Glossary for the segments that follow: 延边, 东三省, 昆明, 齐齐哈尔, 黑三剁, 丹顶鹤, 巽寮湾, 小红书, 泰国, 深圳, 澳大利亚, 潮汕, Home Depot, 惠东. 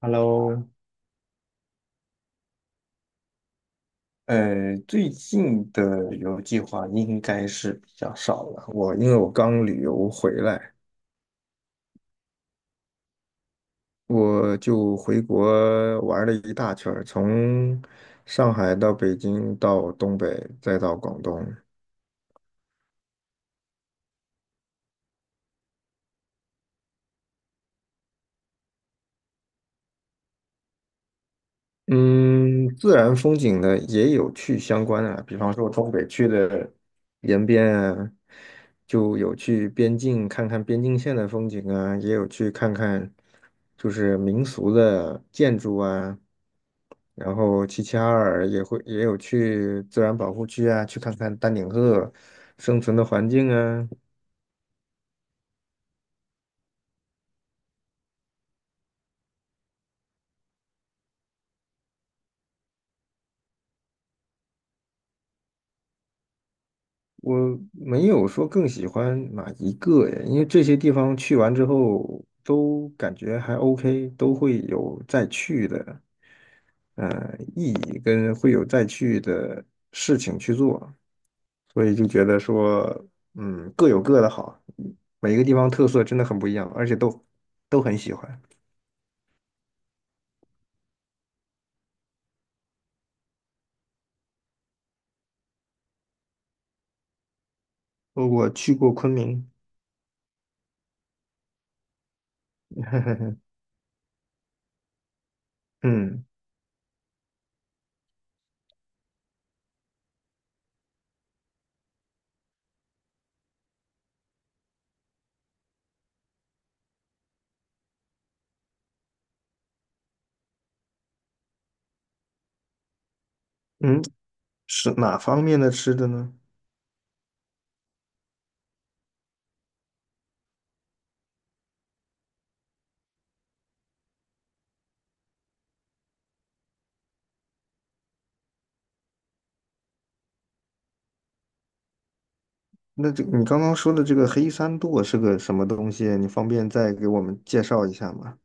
Hello，最近的旅游计划应该是比较少了。我因为我刚旅游回来，我就回国玩了一大圈儿，从上海到北京，到东北，再到广东。嗯，自然风景呢也有去相关的，比方说东北去的延边啊，就有去边境看看边境线的风景啊，也有去看看就是民俗的建筑啊。然后齐齐哈尔也有去自然保护区啊，去看看丹顶鹤生存的环境啊。我没有说更喜欢哪一个呀，因为这些地方去完之后都感觉还 OK,都会有再去的意义，跟会有再去的事情去做，所以就觉得说，嗯，各有各的好，每一个地方特色真的很不一样，而且都很喜欢。我去过昆明。嗯嗯，是哪方面的吃的呢？那这你刚刚说的这个黑三剁是个什么东西啊？你方便再给我们介绍一下吗？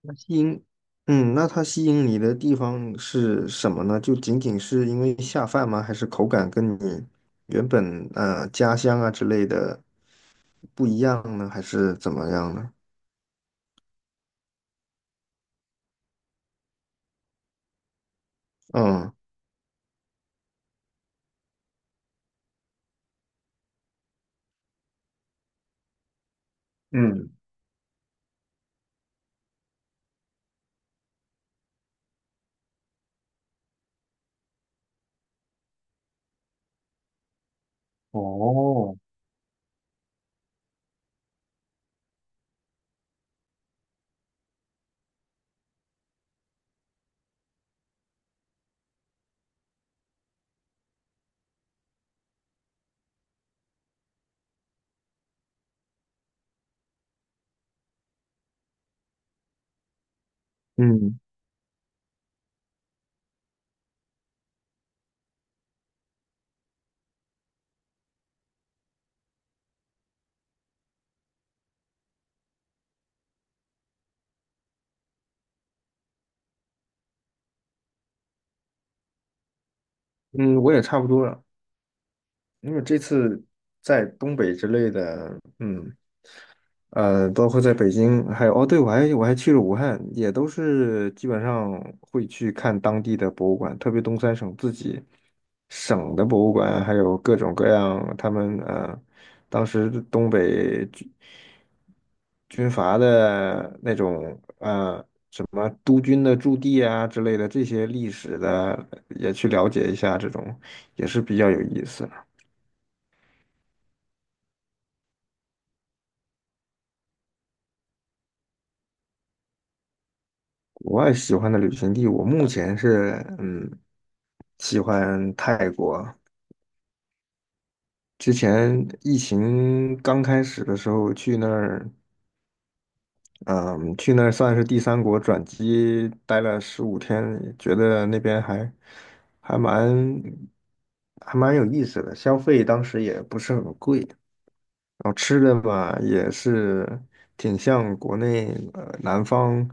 那吸引，嗯，那它吸引你的地方是什么呢？就仅仅是因为下饭吗？还是口感跟你原本家乡啊之类的不一样呢？还是怎么样呢？嗯嗯，哦，嗯嗯，我也差不多了，因为这次在东北之类的，嗯。呃，包括在北京，还有哦，对，我还去了武汉，也都是基本上会去看当地的博物馆，特别东三省自己省的博物馆，还有各种各样他们当时东北军军阀的那种什么督军的驻地啊之类的这些历史的，也去了解一下，这种也是比较有意思。国外喜欢的旅行地，我目前是嗯喜欢泰国。之前疫情刚开始的时候去那儿，嗯，去那儿算是第三国转机，待了15天，觉得那边还蛮还蛮有意思的，消费当时也不是很贵，然后吃的吧也是挺像国内南方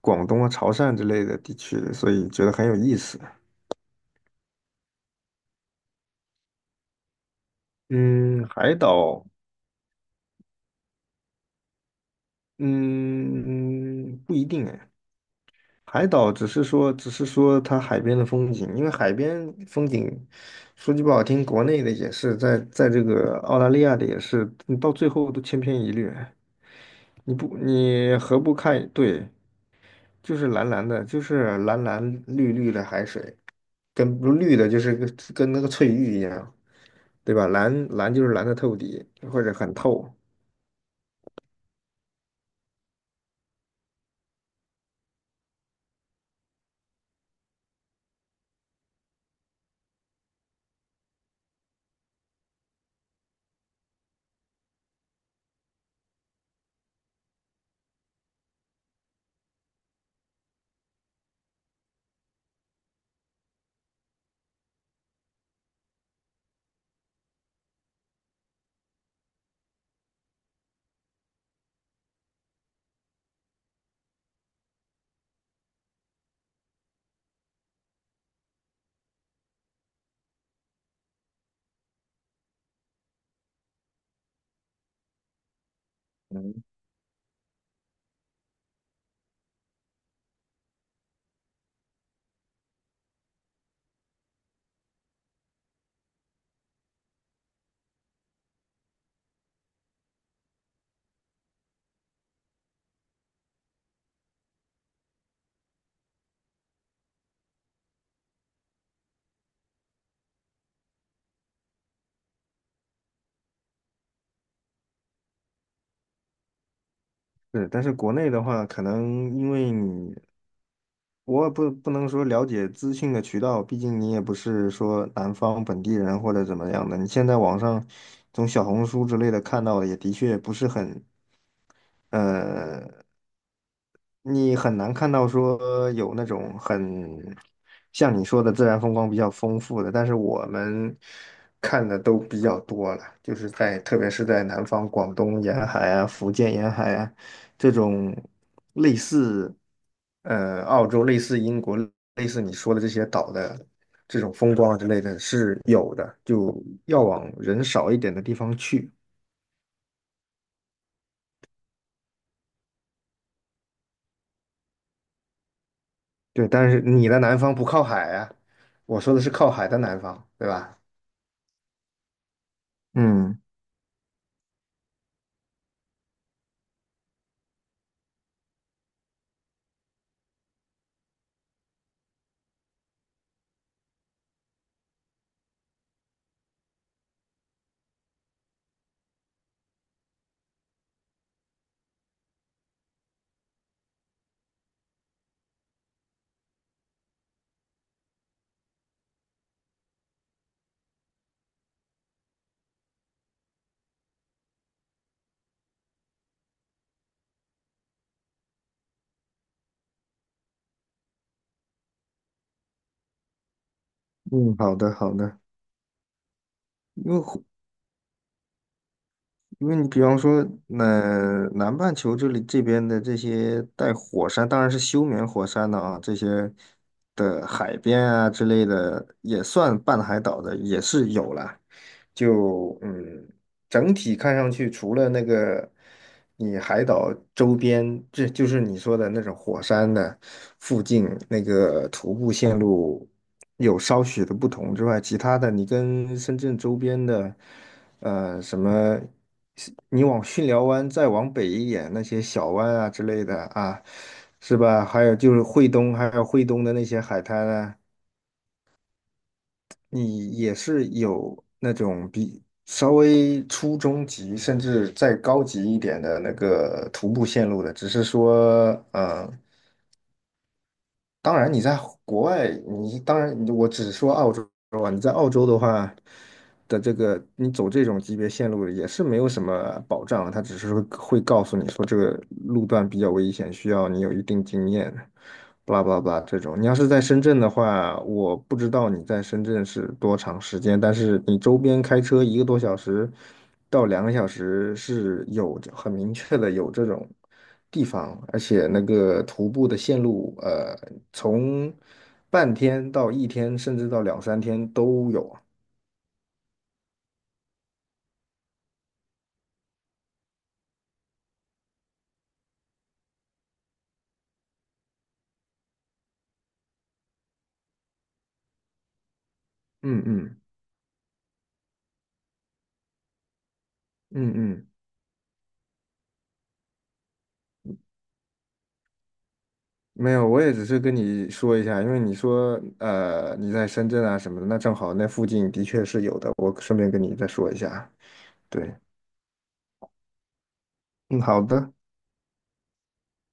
广东啊潮汕之类的地区的，所以觉得很有意思。嗯，海岛，嗯，不一定哎。海岛只是说，只是说它海边的风景，因为海边风景，说句不好听，国内的也是，在这个澳大利亚的也是，你到最后都千篇一律哎。你何不看？对，就是蓝蓝的，就是蓝蓝绿绿的海水，跟不绿的就是跟那个翠玉一样，对吧？蓝蓝就是蓝的透底，或者很透。是，但是国内的话，可能因为你，我也不能说了解资讯的渠道，毕竟你也不是说南方本地人或者怎么样的。你现在网上从小红书之类的看到的，也的确不是很，呃，你很难看到说有那种很像你说的自然风光比较丰富的，但是我们看的都比较多了，就是在特别是在南方广东沿海啊、福建沿海啊。这种类似澳洲、类似英国、类似你说的这些岛的这种风光啊之类的是有的，就要往人少一点的地方去。对，但是你的南方不靠海啊，我说的是靠海的南方，对吧？嗯嗯，好的好的，因为因为你比方说，那南半球这里这边的这些带火山，当然是休眠火山的啊，这些的海边啊之类的，也算半海岛的，也是有了。就嗯，整体看上去，除了那个你海岛周边，这就是你说的那种火山的附近那个徒步线路有稍许的不同之外，其他的你跟深圳周边的。什么，你往巽寮湾再往北一点，那些小湾啊之类的啊，是吧？还有就是惠东，还有惠东的那些海滩啊，你也是有那种比稍微初中级，甚至再高级一点的那个徒步线路的，只是说，嗯。当然你在国外，你当然我只是说澳洲啊，你在澳洲的话的这个，你走这种级别线路也是没有什么保障啊，他只是会告诉你说这个路段比较危险，需要你有一定经验。blah b l 这种。你要是在深圳的话，我不知道你在深圳是多长时间，但是你周边开车1个多小时到2个小时是有很明确的有这种地方，而且那个徒步的线路，从半天到一天，甚至到两三天都有啊。嗯嗯嗯嗯，没有，我也只是跟你说一下，因为你说你在深圳啊什么的，那正好那附近的确是有的，我顺便跟你再说一下啊。对，嗯，好的，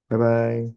拜拜。